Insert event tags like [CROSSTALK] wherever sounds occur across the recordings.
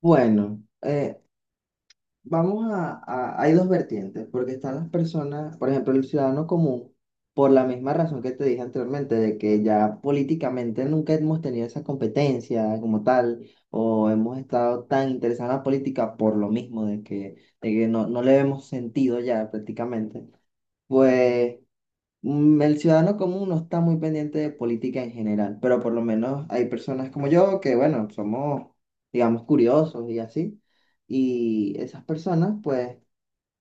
Bueno, vamos a hay dos vertientes, porque están las personas, por ejemplo, el ciudadano común, por la misma razón que te dije anteriormente, de que ya políticamente nunca hemos tenido esa competencia como tal, o hemos estado tan interesados en la política por lo mismo, de que no le vemos sentido ya prácticamente. Pues el ciudadano común no está muy pendiente de política en general, pero por lo menos hay personas como yo que, bueno, somos, digamos, curiosos y así. Y esas personas, pues,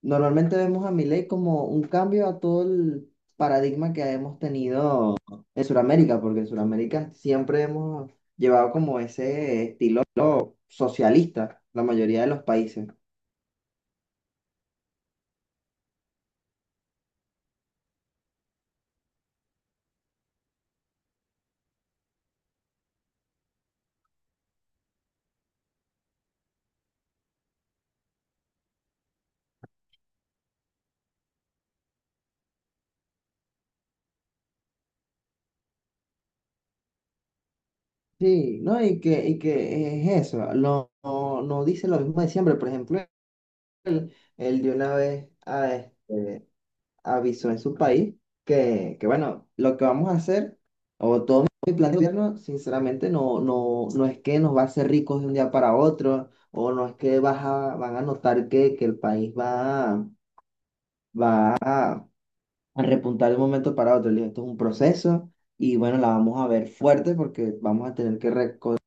normalmente vemos a Milei como un cambio a todo el paradigma que hemos tenido en Sudamérica, porque en Sudamérica siempre hemos llevado como ese estilo socialista, la mayoría de los países. Sí, ¿no? Y que es eso, no dice lo mismo de siempre, por ejemplo. Él de una vez a este, avisó en su país que, bueno, lo que vamos a hacer, o todo mi plan de gobierno, sinceramente, no es que nos va a hacer ricos de un día para otro, o no es que van a notar que el país va a- a repuntar de un momento para otro. Le digo, esto es un proceso y, bueno, la vamos a ver fuerte porque vamos a tener que recortar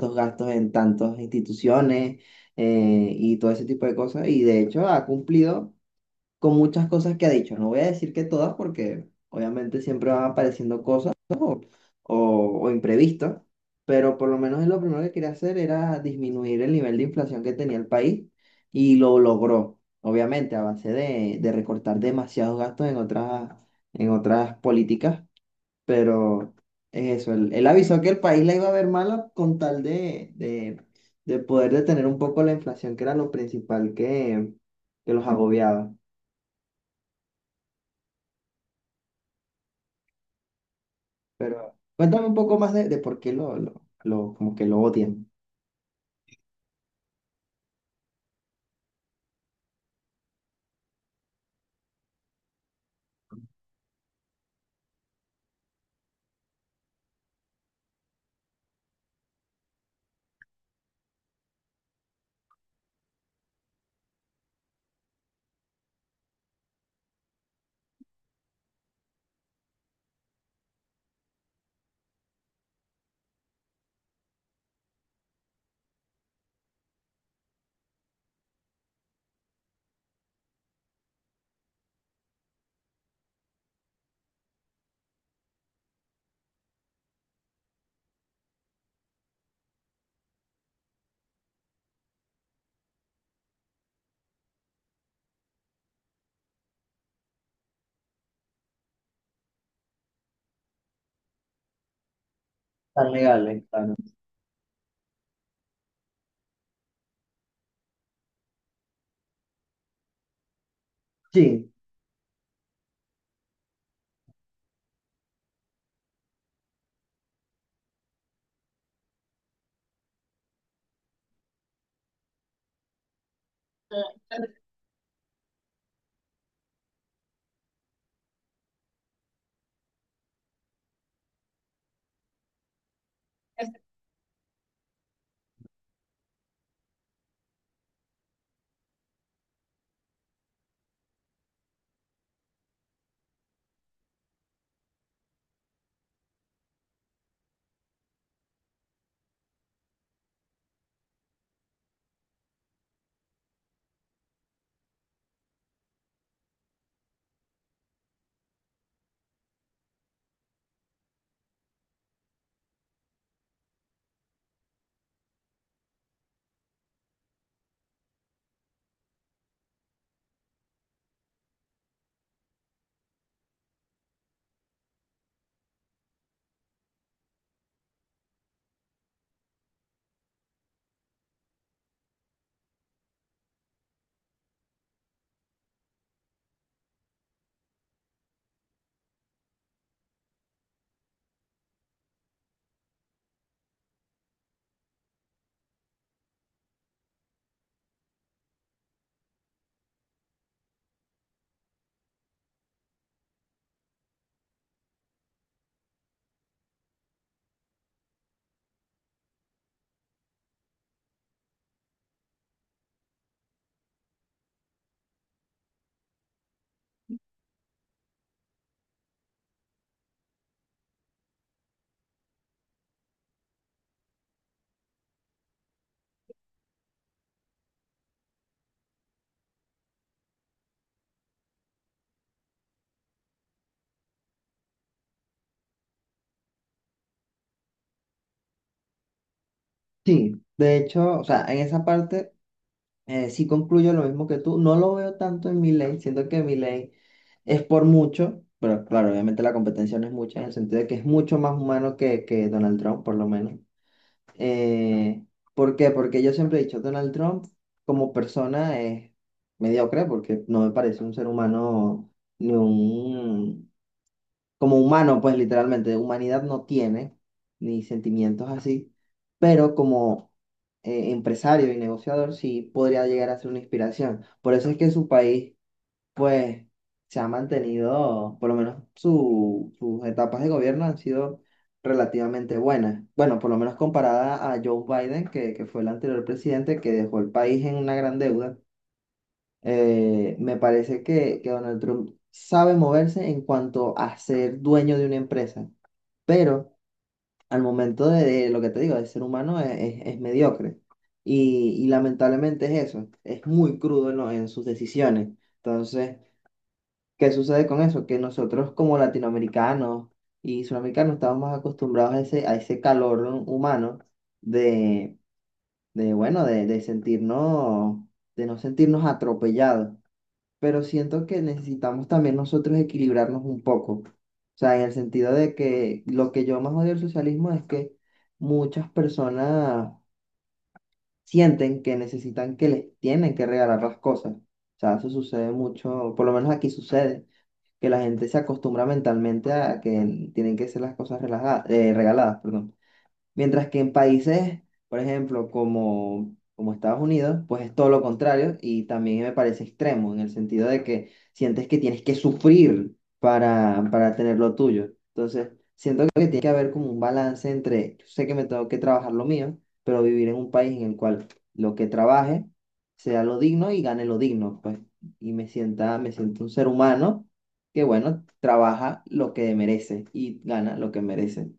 los gastos en tantas instituciones y todo ese tipo de cosas. Y de hecho ha cumplido con muchas cosas que ha dicho. No voy a decir que todas porque obviamente siempre van apareciendo cosas o, o, o imprevistos, pero por lo menos él lo primero que quería hacer era disminuir el nivel de inflación que tenía el país y lo logró, obviamente a base de recortar demasiados gastos en otras políticas, pero es eso, él avisó que el país la iba a ver mala con tal de poder detener un poco la inflación, que era lo principal que los agobiaba. Pero cuéntame un poco más de por qué como que lo odian. Tan legales, claro. Sí, sí, de hecho, o sea, en esa parte sí concluyo lo mismo que tú. No lo veo tanto en mi ley, siento que mi ley es por mucho, pero claro, obviamente la competencia no es mucha, en el sentido de que es mucho más humano que Donald Trump, por lo menos. Eh, ¿Por qué? Porque yo siempre he dicho, Donald Trump como persona es mediocre, porque no me parece un ser humano ni un como humano, pues literalmente, humanidad no tiene, ni sentimientos así, pero como empresario y negociador sí podría llegar a ser una inspiración. Por eso es que su país, pues, se ha mantenido, por lo menos sus etapas de gobierno han sido relativamente buenas. Bueno, por lo menos comparada a Joe Biden, que fue el anterior presidente que dejó el país en una gran deuda. Me parece que Donald Trump sabe moverse en cuanto a ser dueño de una empresa, pero al momento de lo que te digo, de ser humano es, es mediocre. Y lamentablemente es eso, es muy crudo en, en sus decisiones. Entonces, ¿qué sucede con eso? Que nosotros como latinoamericanos y sudamericanos estamos más acostumbrados a ese calor humano de, de bueno, de sentirnos, de no sentirnos atropellados, pero siento que necesitamos también nosotros equilibrarnos un poco. O sea, en el sentido de que lo que yo más odio del socialismo es que muchas personas sienten que necesitan que les tienen que regalar las cosas. O sea, eso sucede mucho, por lo menos aquí sucede, que la gente se acostumbra mentalmente a que tienen que ser las cosas regaladas, perdón. Mientras que en países, por ejemplo, como, como Estados Unidos, pues es todo lo contrario y también me parece extremo en el sentido de que sientes que tienes que sufrir para tener lo tuyo. Entonces, siento que tiene que haber como un balance entre, yo sé que me tengo que trabajar lo mío, pero vivir en un país en el cual lo que trabaje sea lo digno y gane lo digno, pues, y me sienta, me siento un ser humano que, bueno, trabaja lo que merece y gana lo que merece.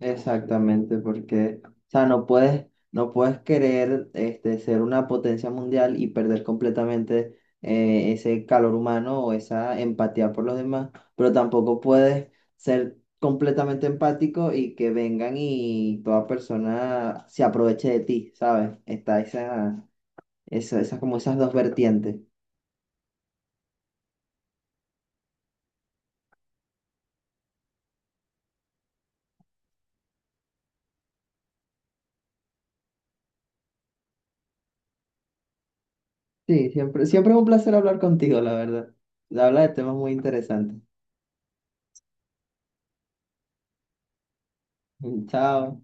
Exactamente, porque, o sea, no puedes querer este, ser una potencia mundial y perder completamente ese calor humano o esa empatía por los demás, pero tampoco puedes ser completamente empático y que vengan y toda persona se aproveche de ti, ¿sabes? Está esa, esa como esas dos vertientes. Sí, siempre, siempre es un placer hablar contigo, la verdad. Habla de temas muy interesantes. [LAUGHS] Chao.